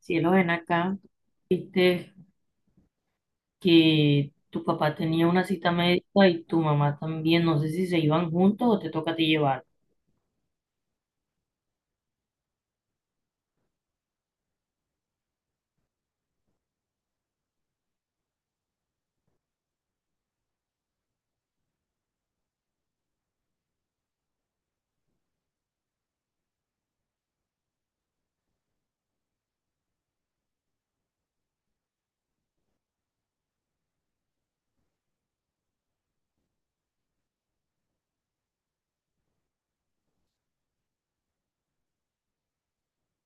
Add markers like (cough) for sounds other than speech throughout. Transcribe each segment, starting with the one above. Cielo, ven acá. Viste que tu papá tenía una cita médica y tu mamá también. No sé si se iban juntos o te toca a ti llevar.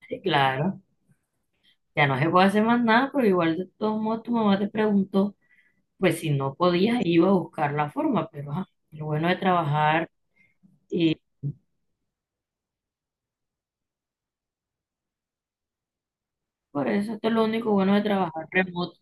Sí, claro. Ya no se puede hacer más nada, pero igual de todos modos tu mamá te preguntó, pues si no podías, iba a buscar la forma. Pero ajá, lo bueno de trabajar, y por eso esto es lo único bueno de trabajar remoto.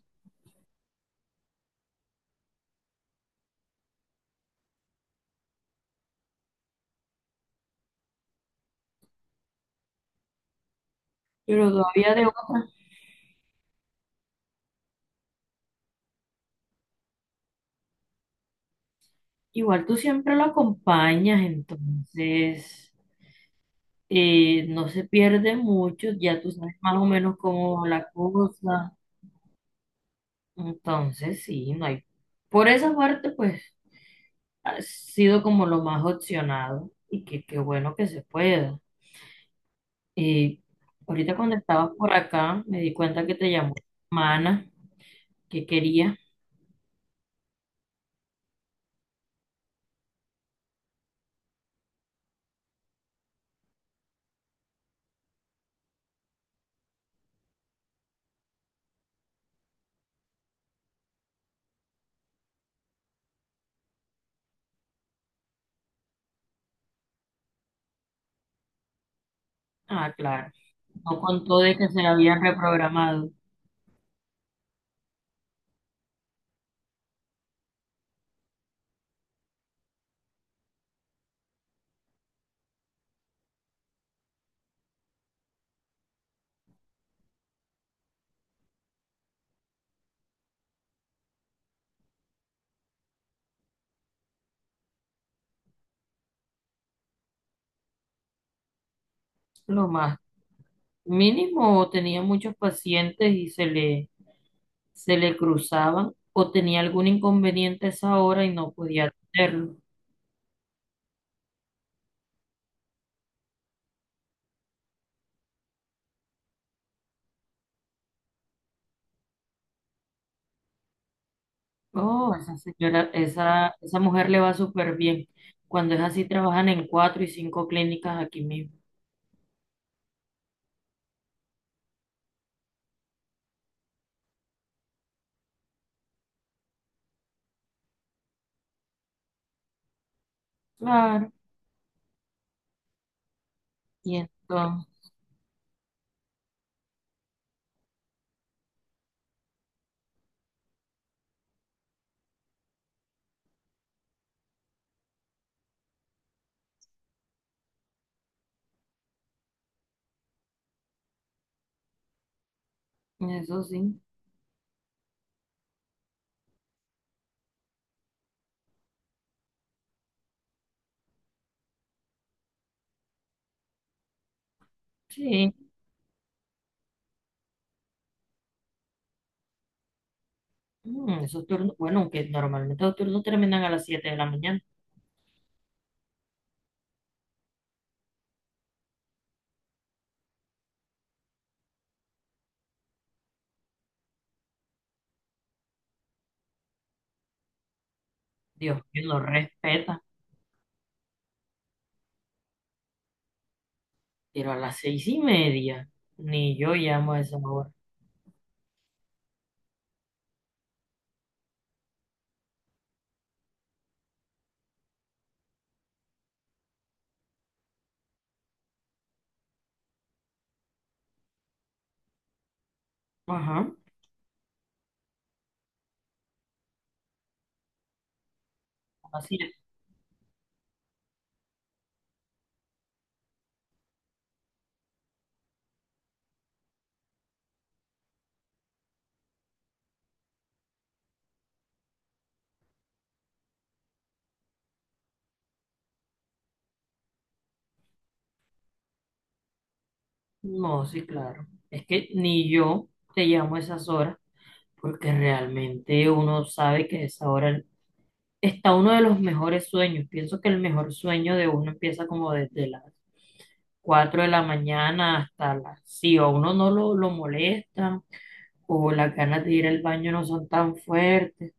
Pero todavía de otra, Igual tú siempre lo acompañas, entonces no se pierde mucho, ya tú sabes más o menos cómo va la cosa. Entonces, sí, no hay. Por esa parte, pues, ha sido como lo más opcionado y que qué bueno que se pueda. Eh, Ahorita cuando estabas por acá, me di cuenta que te llamó Mana, que quería. Ah, claro. No contó de que se la habían reprogramado. Lo más mínimo, tenía muchos pacientes y se le cruzaban o tenía algún inconveniente a esa hora y no podía atenderlo. Oh, esa señora, esa mujer le va súper bien. Cuando es así, trabajan en cuatro y cinco clínicas aquí mismo. Claro, y entonces, eso sí, sí. Mm, esos turnos, bueno, aunque normalmente los turnos terminan a las 7 de la mañana. Dios mío, no respeta, pero a las 6 y media, ni yo llamo a esa hora. Ajá, así. No, sí, claro. Es que ni yo te llamo a esas horas porque realmente uno sabe que a esa hora está uno de los mejores sueños. Pienso que el mejor sueño de uno empieza como desde las 4 de la mañana hasta las... Si a uno no lo molesta o las ganas de ir al baño no son tan fuertes,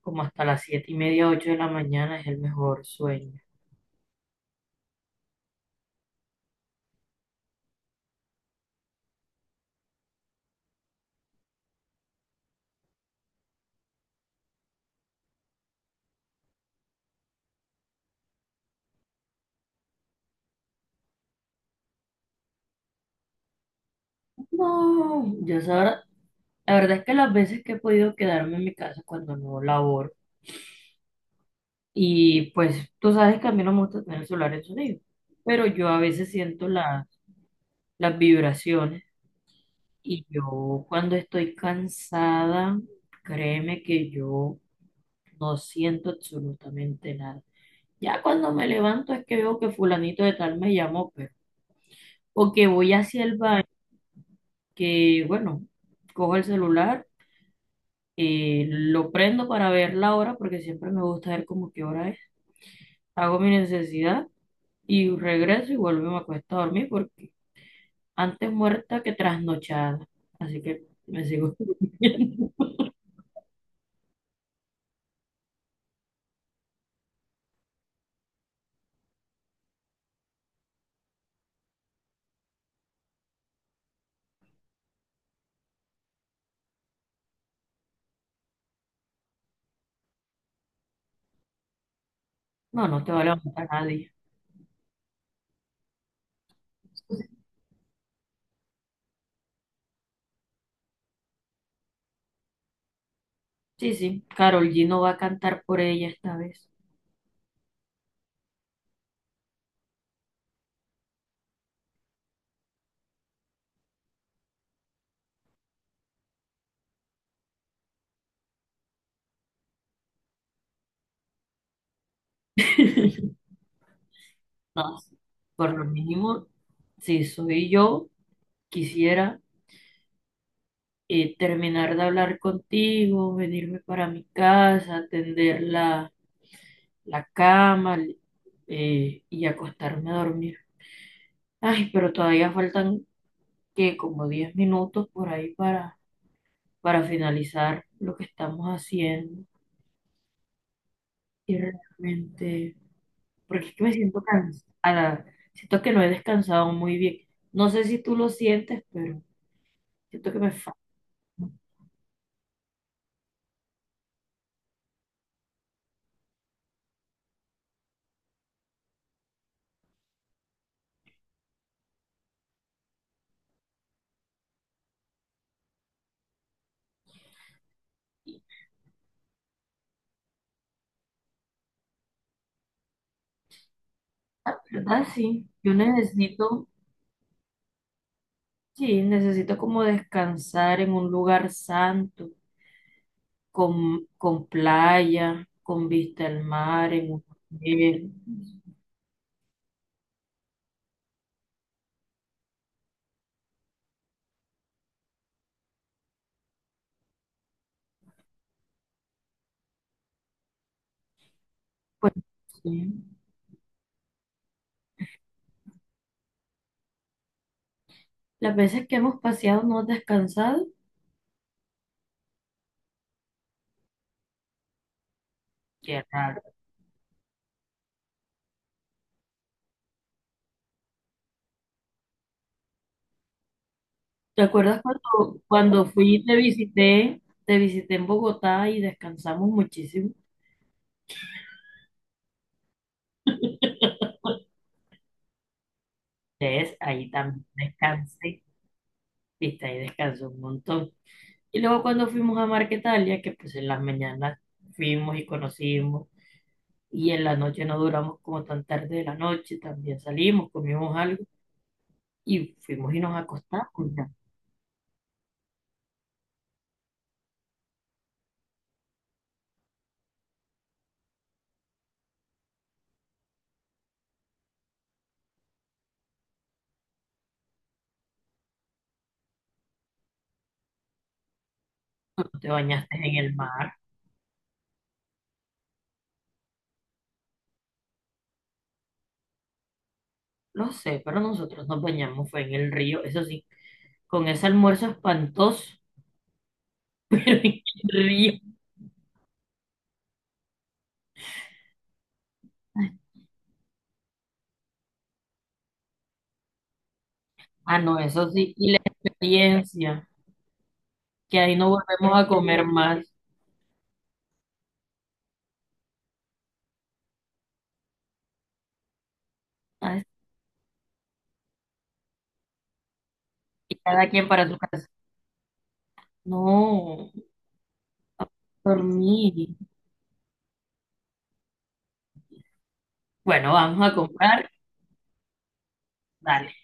como hasta las 7 y media, 8 de la mañana es el mejor sueño. No, yo esa hora- La verdad es que las veces que he podido quedarme en mi casa cuando no laboro, y pues tú sabes que a mí no me gusta tener el celular en sonido, pero yo a veces siento las vibraciones. Y yo cuando estoy cansada, créeme que yo no siento absolutamente nada. Ya cuando me levanto es que veo que fulanito de tal me llamó, pero, o que voy hacia el baño, que bueno, cojo el celular, lo prendo para ver la hora, porque siempre me gusta ver como qué hora es, hago mi necesidad y regreso y vuelvo y me acuesto a dormir porque antes muerta que trasnochada. Así que me sigo (laughs) durmiendo. No, no te va a levantar nadie. Sí, sí. Karol G no va a cantar por ella esta vez. No. Por lo mínimo, si soy yo, quisiera terminar de hablar contigo, venirme para mi casa, atender la cama y acostarme a dormir. Ay, pero todavía faltan que como 10 minutos por ahí para finalizar lo que estamos haciendo. Y realmente, porque es que me siento cansada, siento que no he descansado muy bien. No sé si tú lo sientes, pero siento que me falta, ¿verdad? Sí, yo necesito, sí, necesito como descansar en un lugar santo, con playa, con vista al mar, en un hotel. Pues sí, las veces que hemos paseado no has descansado, qué raro. ¿Te acuerdas cuando fui y te visité en Bogotá y descansamos muchísimo? ¿Ves? Ahí también descansé, viste, ahí descansé un montón. Y luego cuando fuimos a Marquetalia, que pues en las mañanas fuimos y conocimos, y en la noche no duramos como tan tarde de la noche, también salimos, comimos algo, y fuimos y nos acostamos. Ya. ¿Tú te bañaste en el mar? No sé, pero nosotros nos bañamos, fue en el río, eso sí, con ese almuerzo espantoso, (laughs) pero en el río. Ah, no, eso sí, y la experiencia, que ahí no volvemos a comer más. Ah, y cada quien para su casa. No, por mí. Bueno, vamos a comprar. Dale.